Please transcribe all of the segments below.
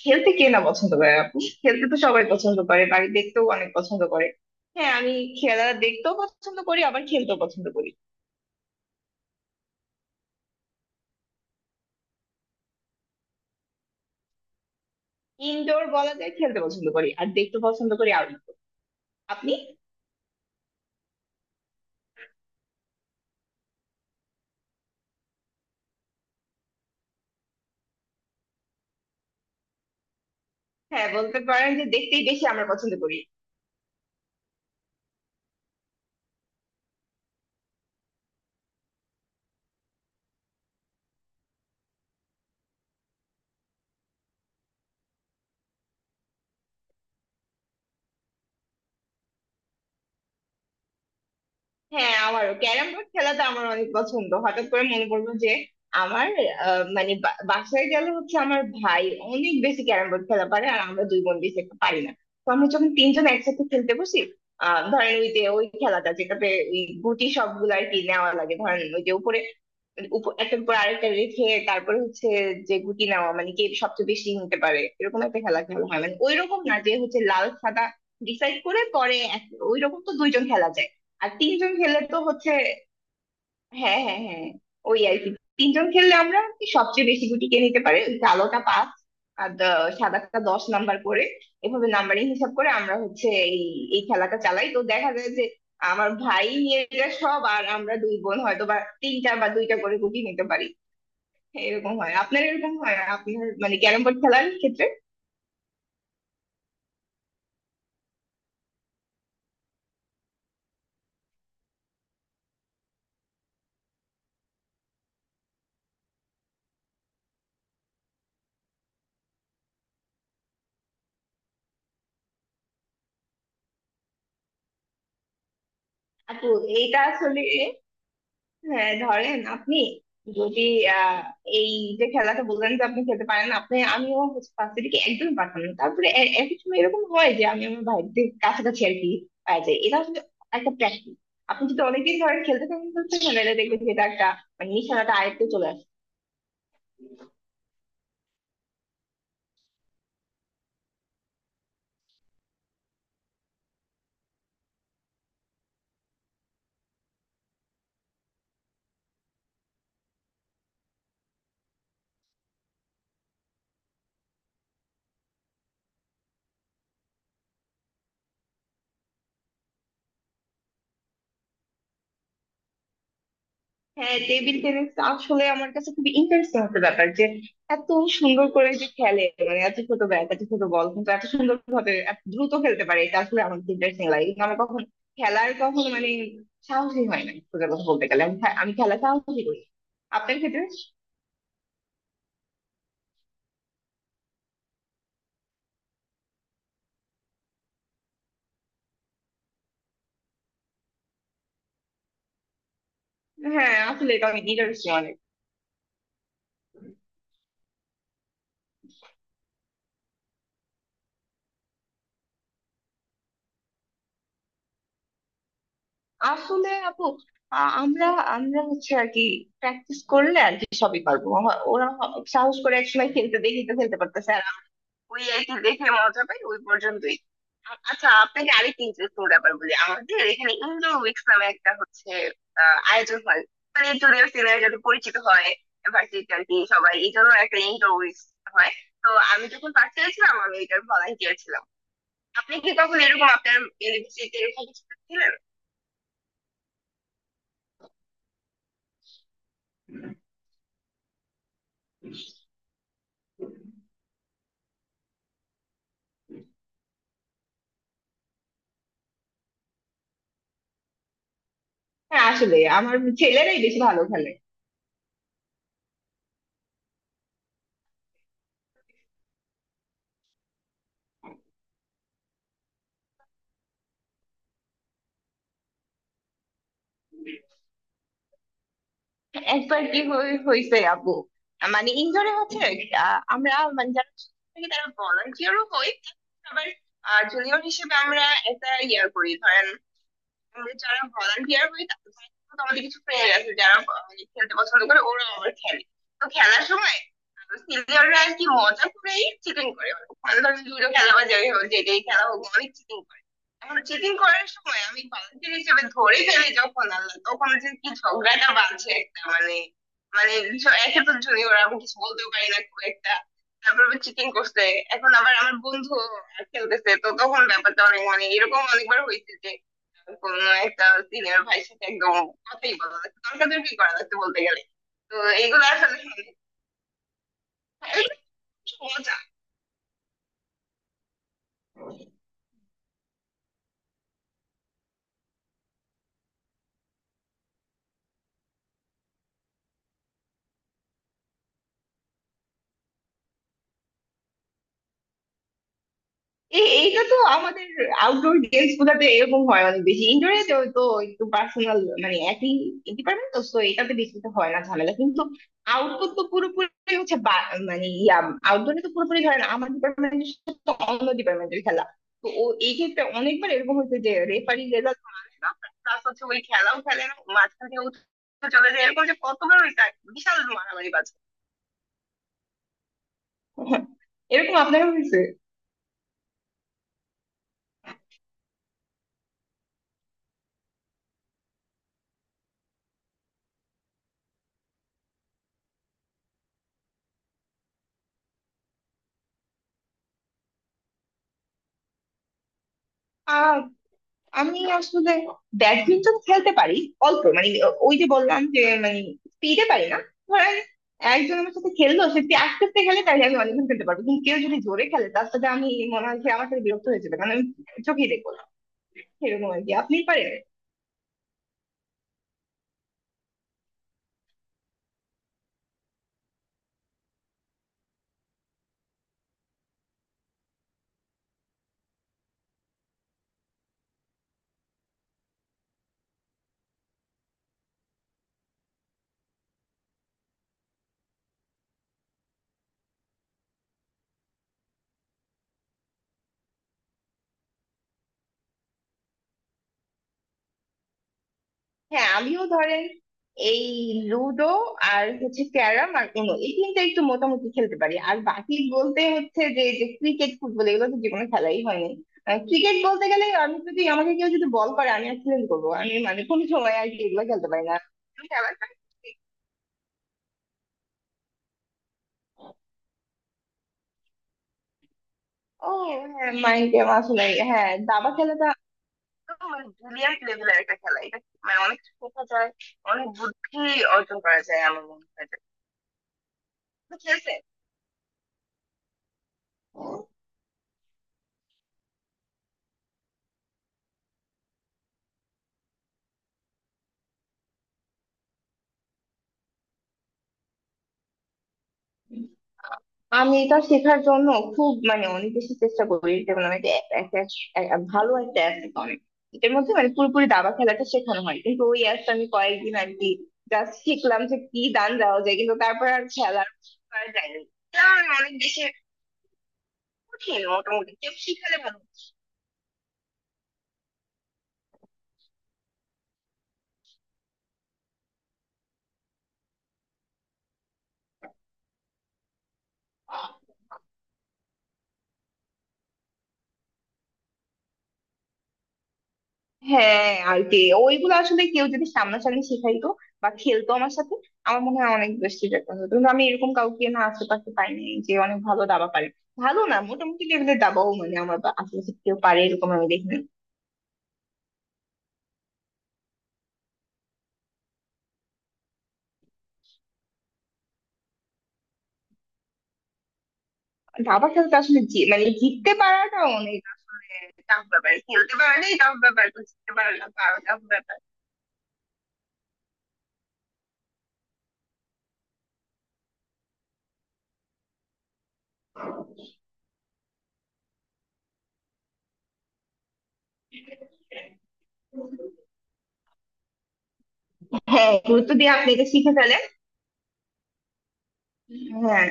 খেলতে কে না পছন্দ করে আপু? খেলতে তো সবাই পছন্দ করে, বাড়ি দেখতেও অনেক পছন্দ করে। হ্যাঁ, আমি খেলা দেখতেও পছন্দ করি, আবার খেলতেও পছন্দ করি। ইনডোর বলা যায় খেলতে পছন্দ করি, আর দেখতে পছন্দ করি আউটডোর। আপনি? হ্যাঁ, বলতে পারেন যে দেখতেই বেশি আমরা পছন্দ করি। হ্যাঁ, আমারও ক্যারাম বোর্ড খেলাটা আমার অনেক পছন্দ। হঠাৎ করে মনে পড়লো যে আমার মানে বাসায় গেলে হচ্ছে আমার ভাই অনেক বেশি ক্যারাম বোর্ড খেলা পারে, আর আমরা দুই বোন বেশি একটা পারি না। তো আমরা যখন তিনজন একসাথে খেলতে বসি, ধরেন ওই যে ওই খেলাটা যেটাতে ওই গুটি সবগুলো আর কি নেওয়া লাগে, ধরেন ওই যে উপরে মানে একটার উপর আরেকটা রেখে তারপরে হচ্ছে যে গুটি নেওয়া, মানে কে সবচেয়ে বেশি নিতে পারে, এরকম একটা খেলা খেলা হয়। মানে ওইরকম না যে হচ্ছে লাল সাদা ডিসাইড করে পরে ওইরকম তো দুইজন খেলা যায়, আর তিনজন খেলে তো হচ্ছে। হ্যাঁ, হ্যাঁ, হ্যাঁ, ওই আর কি। তিনজন খেললে আমরা কি সবচেয়ে বেশি গুটি কে নিতে পারে, ওই কালোটা 5 আর সাদাটা 10 নাম্বার করে, এভাবে নাম্বারিং হিসাব করে আমরা হচ্ছে এই এই খেলাটা চালাই। তো দেখা যায় যে আমার ভাই নিয়ে যায় সব, আর আমরা দুই বোন হয়তো বা তিনটা বা দুইটা করে গুটি নিতে পারি। হ্যাঁ, এরকম হয় আপনার মানে ক্যারম বোর্ড খেলার ক্ষেত্রে? আপু, এইটা আসলে, হ্যাঁ ধরেন আপনি যদি আহ, এই যে খেলাটা বললেন যে আপনি খেলতে পারেন না, আপনি, আমিও ফার্স্ট থেকে একদম পারতাম না। তারপরে এক এক সময় এরকম হয় যে আমি আমার ভাইদের কাছাকাছি আর কি পাওয়া যায়। এটা আসলে একটা প্র্যাকটিস। আপনি যদি অনেকদিন ধরেন খেলতে থাকেন তাহলে দেখবেন যে এটা একটা, মানে নিশানাটা আয়ত্তে চলে আসে। হ্যাঁ, টেবিল টেনিস আসলে আমার কাছে খুবই ইন্টারেস্টিং একটা ব্যাপার, যে এত সুন্দর করে যে খেলে, মানে এত ছোট ব্যাট, এত ছোট বল, কিন্তু এত সুন্দর ভাবে এত দ্রুত খেলতে পারে, এটা আসলে আমার ইন্টারেস্টিং লাগে। কিন্তু আমার কখন খেলার কখনো মানে সাহসই হয় না, সোজা কথা বলতে গেলে, আমি আমি খেলা সাহসই করি। আপনার ক্ষেত্রে? হ্যাঁ, আসলে এটা অনেক ইন্টারেস্টিং, অনেক। আসলে আপু, আমরা আমরা হচ্ছে আর কি প্র্যাকটিস করলে আর কি সবই পারবো। ওরা সাহস করে একসময় খেলতে দেখি, তো খেলতে পারতেছে, ওই আর কি, দেখে মজা পাই, ওই পর্যন্তই। আচ্ছা, আপনাকে আরেকটা ইন্টারেস্টিং ব্যাপার বলি। আমাদের এখানে ইন্ডো উইকস নামে একটা হচ্ছে আয়োজন হয়, মানে জুনিয়র সিনিয়র যাতে পরিচিত হয় ভার্সিটি আর কি সবাই, এই জন্য একটা ইন্ডো উইকস হয়। তো আমি যখন পাশে ছিলাম আমি এটার ভলান্টিয়ার ছিলাম। আপনি কি কখন এরকম আপনার ইউনিভার্সিটিতে এরকম কিছু ছিলেন? হ্যাঁ, আসলে আমার ছেলেরাই বেশি ভালো খেলে। একবার কি হয়েছে আপু, মানে ইনডোরে হচ্ছে আমরা, মানে যারা ছোট থাকি তারা ভলান্টিয়ারও হই, আবার জুনিয়র হিসেবে আমরা একটা ইয়ে করি, ধরেন আমাদের যারা volunteer হয় তাদের। তো আমাদের কিছু friend আছে যারা মানে খেলতে পছন্দ করে, ওরা আবার খেলে। তো খেলার সময় সিনিয়ররা আর কি মজা করেই চিটিং করে, মানে ধরো লুডো খেলা বা যাই হোক, যেটাই খেলা হোক অনেক চিটিং করে। এখন চিটিং করার সময় আমি volunteer হিসেবে ধরে ফেলি, যখন আল্লাহ তখন যে কি ঝগড়াটা বাজছে একটা মানে, মানে একে তো জুনিয়র আমি কিছু বলতেও পারি না খুব একটা, তারপর চিটিং করছে, এখন আবার আমার বন্ধু খেলতেছে, তো তখন ব্যাপারটা অনেক মানে এরকম অনেকবার হয়েছে যে কোন একটা সিনিয়র ভাইয়ের সাথে একদম কথাই বলা লাগতো, তর্কাতর্কি করা লাগতো বলতে গেলে। তো এইগুলো আসলে মজা। এইটা তো আমাদের আউটডোর গেমস গুলাতে এরকম হয় অনেক বেশি। ইনডোরে তো তো একটু পার্সোনাল, মানে একই ডিপার্টমেন্ট, তো তো এটাতে বেশি তো হয় না ঝামেলা, কিন্তু আউটডোর তো পুরোপুরি হচ্ছে বা- মানে ইয়া আউটডোরে তো পুরোপুরি ধরেন আমার ডিপার্টমেন্টের সাথে অন্য ডিপার্টমেন্টের খেলা। তো এই ক্ষেত্রে অনেকবার এরকম হয়েছে যে রেফারি রেজাল্ট মানে না, প্লাস হচ্ছে ওই খেলাও খেলে না মাঝখানে চলে যায়, এরকম যে কতবার হইছে বিশাল মারামারি বাজে। এরকম আপনার হয়েছে? আহ আমি আসলে ব্যাডমিন্টন খেলতে পারি অল্প, মানে ওই যে বললাম যে মানে স্পিডে পারি না। ধরেন একজন আমার সাথে খেললো, সে যদি আস্তে আস্তে খেলে তাহলে আমি অনেকক্ষণ খেলতে পারবো, কিন্তু কেউ যদি জোরে খেলে তার সাথে আমি, মনে হয় সে আমার সাথে বিরক্ত হয়ে যাবে, কারণ আমি চোখেই দেখবো না, এরকম আর কি। আপনি পারেন? হ্যাঁ, আমিও ধরেন এই লুডো আর হচ্ছে ক্যারাম আর উনো, এই তিনটা একটু মোটামুটি খেলতে পারি। আর বাকি বলতে হচ্ছে যে যে ক্রিকেট ফুটবল এগুলো তো জীবনে খেলাই হয়নি। ক্রিকেট বলতে গেলে আমি যদি, আমাকে কেউ যদি বল করে আমি অ্যাক্সিডেন্ট করবো, আমি মানে কোনো সময় আর কি এগুলো খেলতে পারি না। আমি আবার, ও হ্যাঁ, মাইন্ড গেম আসলে, হ্যাঁ দাবা খেলাটা একদম মানে ব্রিলিয়ান্ট লেভেলের একটা খেলা এটা, মানে অনেক শেখা যায়, অনেক বুদ্ধি অর্জন করা যায় আমার মনে হয়। খেলছে। আমি এটা শেখার জন্য খুব মানে অনেক বেশি চেষ্টা করি, যেমন আমি একটা একটা- একটা শ- এ- এ- ভালো একটা অ্যাপ আছে অনেক, এটার মধ্যে মানে পুরোপুরি দাবা খেলাটা শেখানো হয়। কিন্তু ওই অ্যাপটা আমি কয়েকদিন আর কি জাস্ট শিখলাম যে কি দান দেওয়া যায়, কিন্তু তারপর আর খেলার করা যায়নি। এটা আমি অনেক বেশি কঠিন, মোটামুটি কেউ শিখালে ভালো। হ্যাঁ আর কি, ওইগুলো আসলে কেউ যদি সামনাসামনি শেখাইতো বা খেলতো আমার সাথে, আমার মনে হয় অনেক বেশি বেটার হতো। কিন্তু আমি এরকম কাউকে না আশেপাশে পাইনি যে অনেক ভালো দাবা পারে। ভালো না, মোটামুটি লেভেলের দাবাও মানে আমার আশেপাশে কেউ পারে এরকম আমি দেখিনি। দাবা খেলতে আসলে মানে জিততে পারাটা অনেক আসলে tough ব্যাপার, খেলতে পারলেই tough ব্যাপার, তো জিততে পারলে তাও tough ব্যাপার। হ্যাঁ, গুরুত্ব দিয়ে আপনি এটা শিখে ফেলেন। হ্যাঁ,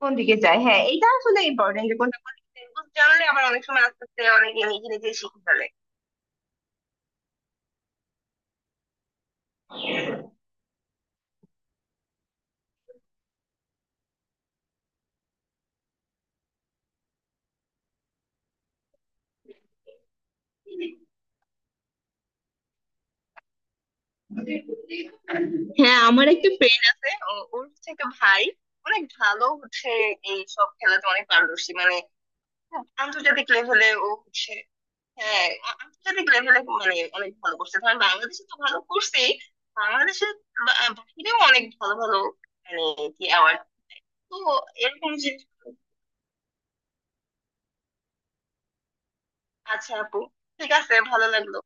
কোন দিকে যায়, হ্যাঁ এটা আসলে ইম্পর্টেন্ট যে কোনটা কোন দিকে যায়। এগুলো জানলে আবার অনেক সময় আস্তে আস্তে অনেক নিজে নিজে শিখে ফেলে। হ্যাঁ, আমার একটা ফ্রেন্ড আছে, ওর হচ্ছে একটা ভাই অনেক ভালো, হচ্ছে এই সব খেলাতে অনেক পারদর্শী, মানে আন্তর্জাতিক লেভেলে ও হচ্ছে। হ্যাঁ, আন্তর্জাতিক লেভেলে মানে অনেক ভালো করছে, ধরেন বাংলাদেশে তো ভালো করছেই, বাংলাদেশের বাহিরেও অনেক ভালো ভালো, মানে কি অ্যাওয়ার্ড, তো এরকম যে। আচ্ছা আপু, ঠিক আছে, ভালো লাগলো।